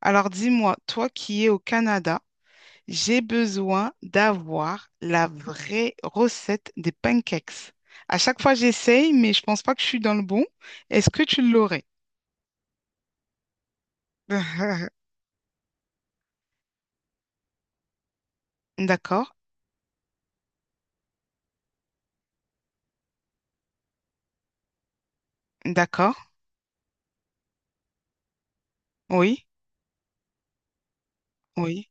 Alors dis-moi, toi qui es au Canada, j'ai besoin d'avoir la vraie recette des pancakes. À chaque fois, j'essaye, mais je pense pas que je suis dans le bon. Est-ce que tu l'aurais? D'accord, d'accord, oui, oui.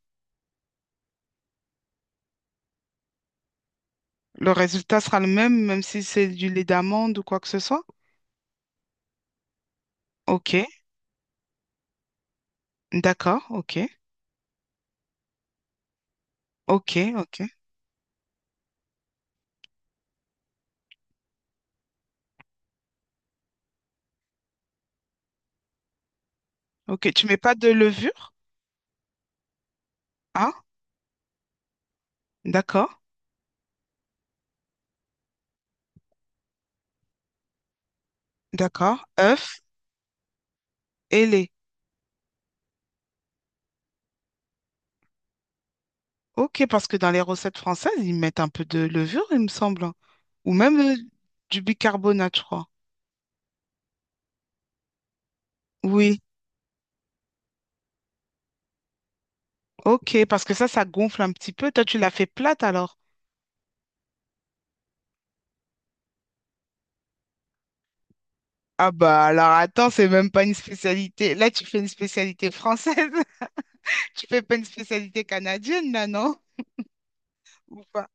Le résultat sera le même, même si c'est du lait d'amande ou quoi que ce soit. Ok, d'accord, ok, ok, ok, ok. Tu mets pas de levure? Ah, d'accord, d'accord. Œuf et lait. Ok, parce que dans les recettes françaises, ils mettent un peu de levure, il me semble. Ou même du bicarbonate, je crois. Oui, ok, parce que ça gonfle un petit peu. Toi, tu l'as fait plate alors? Ah bah alors attends, c'est même pas une spécialité. Là, tu fais une spécialité française. Tu fais pas une spécialité canadienne, là, non? Ou pas?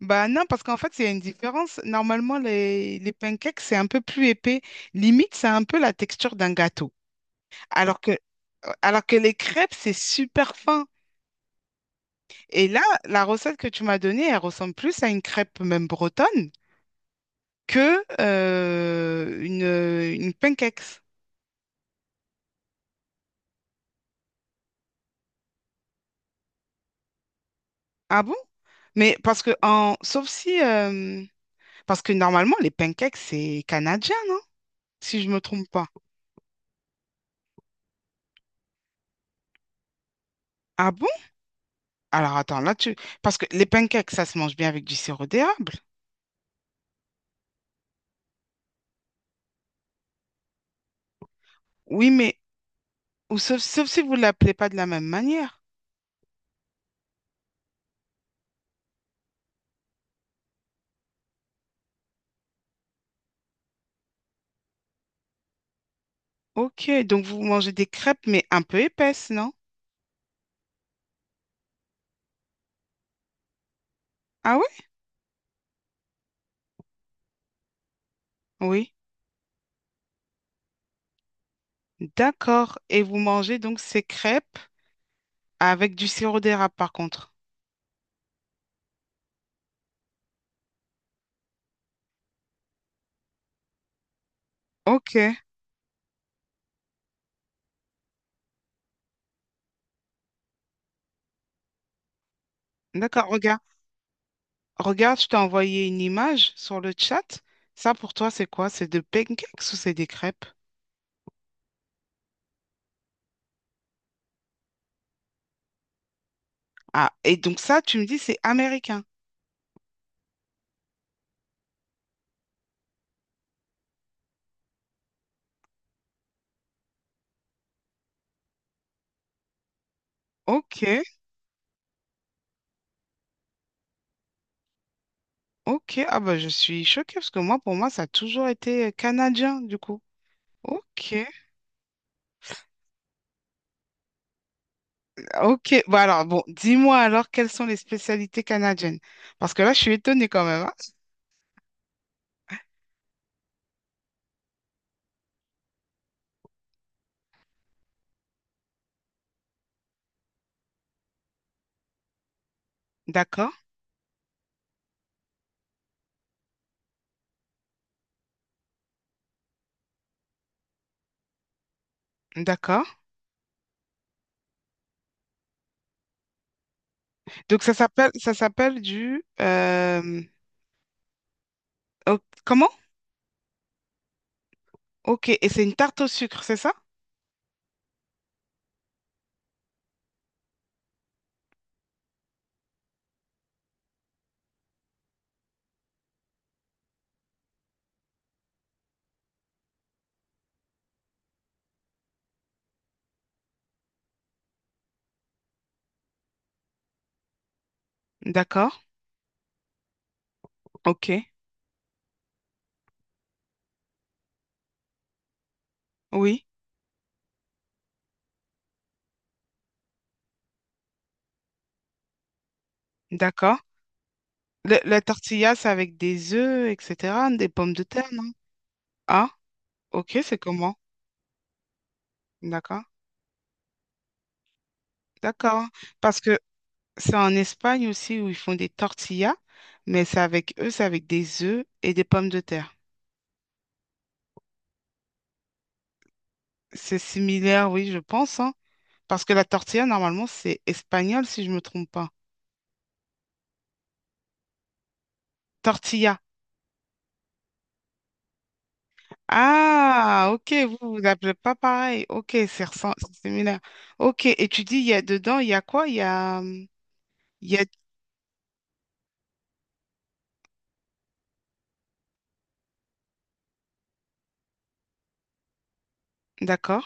Bah non, parce qu'en fait, il y a une différence. Normalement, les pancakes, c'est un peu plus épais. Limite, c'est un peu la texture d'un gâteau. Alors que, alors que les crêpes, c'est super fin. Et là, la recette que tu m'as donnée, elle ressemble plus à une crêpe même bretonne que une pancakes. Ah bon? Mais parce que en sauf si parce que normalement les pancakes c'est canadien, non? Si je me trompe pas. Ah bon? Alors attends, là tu parce que les pancakes ça se mange bien avec du sirop d'érable. Oui, mais ou sauf si vous l'appelez pas de la même manière. Ok, donc vous mangez des crêpes mais un peu épaisses, non? Ah oui? Oui. D'accord. Et vous mangez donc ces crêpes. Avec du sirop d'érable, par contre. Ok, d'accord, regarde. Regarde, je t'ai envoyé une image sur le chat. Ça, pour toi, c'est quoi? C'est de pancakes ou c'est des crêpes? Ah, et donc ça, tu me dis, c'est américain. Ok, ok. Ah bah, je suis choquée parce que moi, pour moi, ça a toujours été canadien, du coup. Ok, ok. Bah alors, bon, dis-moi alors, quelles sont les spécialités canadiennes? Parce que là, je suis étonnée quand même, hein. D'accord, d'accord. Donc, ça s'appelle du... oh, comment? Ok, et c'est une tarte au sucre, c'est ça? D'accord, ok, oui, d'accord. La tortilla, c'est avec des œufs, etc., des pommes de terre, non? Ah, ok, c'est comment? D'accord, d'accord. Parce que c'est en Espagne aussi où ils font des tortillas, mais c'est avec eux, c'est avec des œufs et des pommes de terre. C'est similaire, oui, je pense, hein, parce que la tortilla, normalement, c'est espagnol, si je me trompe pas. Tortilla. Ah, ok, vous, vous l'appelez pas pareil. Ok, c'est ressem- c'est similaire. Ok, et tu dis, il y a dedans, il y a quoi? Il y a... D'accord.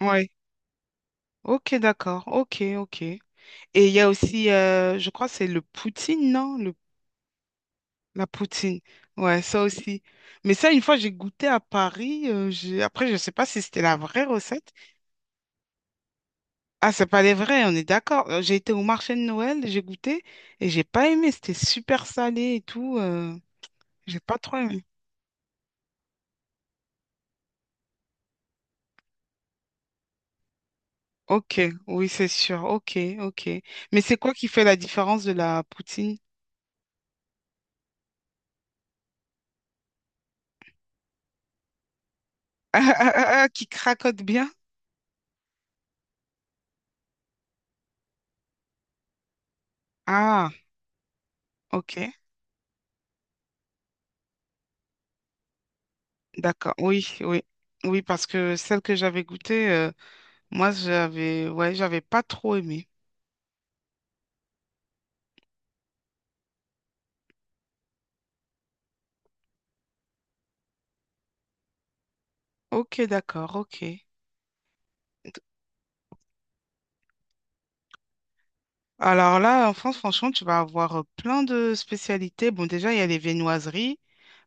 Ouais. Ok, d'accord. Ok, ok. Et il y a aussi, je crois, que c'est le poutine, non? La poutine, ouais, ça aussi. Mais ça, une fois, j'ai goûté à Paris. Après, je ne sais pas si c'était la vraie recette. Ah, c'est pas les vrais, on est d'accord. J'ai été au marché de Noël, j'ai goûté et j'ai pas aimé. C'était super salé et tout. J'ai pas trop aimé. Ok, oui, c'est sûr. Ok, ok. Mais c'est quoi qui fait la différence de la poutine? Ah, ah, ah, ah, qui cracote bien? Ah, ok, d'accord. Oui, oui. Oui, parce que celle que j'avais goûtée, moi, j'avais, ouais, j'avais pas trop aimé. Ok, d'accord, ok. Alors là, en France, franchement, tu vas avoir plein de spécialités. Bon, déjà, il y a les viennoiseries,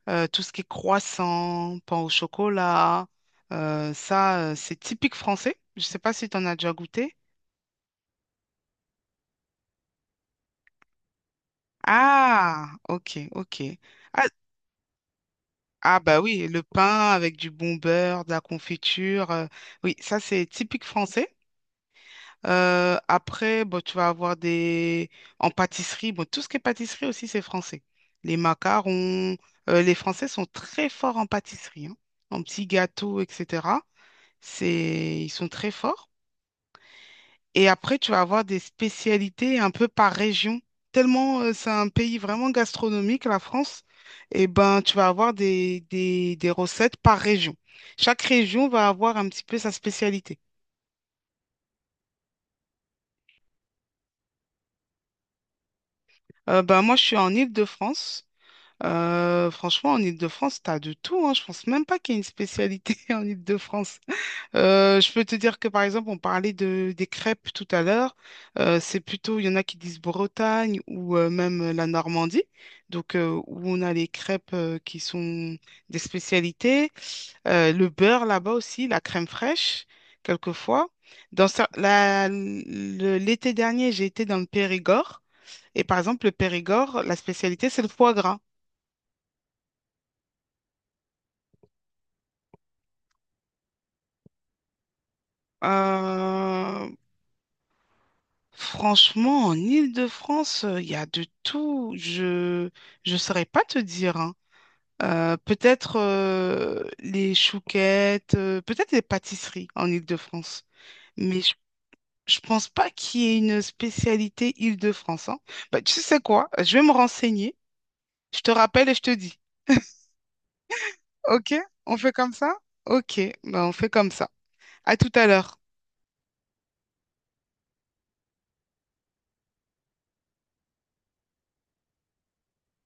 tout ce qui est croissant, pain au chocolat. Ça, c'est typique français. Je ne sais pas si tu en as déjà goûté. Ah, ok, ok. Ah, ah, bah oui, le pain avec du bon beurre, de la confiture. Oui, ça, c'est typique français. Après, bon, tu vas avoir des... En pâtisserie, bon, tout ce qui est pâtisserie aussi, c'est français. Les macarons, les Français sont très forts en pâtisserie, hein, en petits gâteaux, etc. C'est... Ils sont très forts. Et après, tu vas avoir des spécialités un peu par région. Tellement c'est un pays vraiment gastronomique, la France, et ben, tu vas avoir des recettes par région. Chaque région va avoir un petit peu sa spécialité. Ben, moi, je suis en Île-de-France. Franchement, en Île-de-France, t'as de tout, hein. Je pense même pas qu'il y ait une spécialité en Île-de-France. Je peux te dire que, par exemple, on parlait des crêpes tout à l'heure. C'est plutôt, il y en a qui disent Bretagne ou même la Normandie, donc où on a les crêpes qui sont des spécialités. Le beurre là-bas aussi, la crème fraîche, quelquefois. Dans cer- la- le- L'été dernier, j'ai été dans le Périgord. Et par exemple, le Périgord, la spécialité, c'est le foie gras. Euh, Franchement, en Île-de-France, il y a de tout. Je saurais pas te dire, hein. Peut-être les chouquettes, peut-être les pâtisseries en Île-de-France. Mais je pense pas qu'il y ait une spécialité Île-de-France, hein. Bah, tu sais quoi? Je vais me renseigner. Je te rappelle et je te dis. OK? On fait comme ça? OK. Bah, on fait comme ça. À tout à l'heure.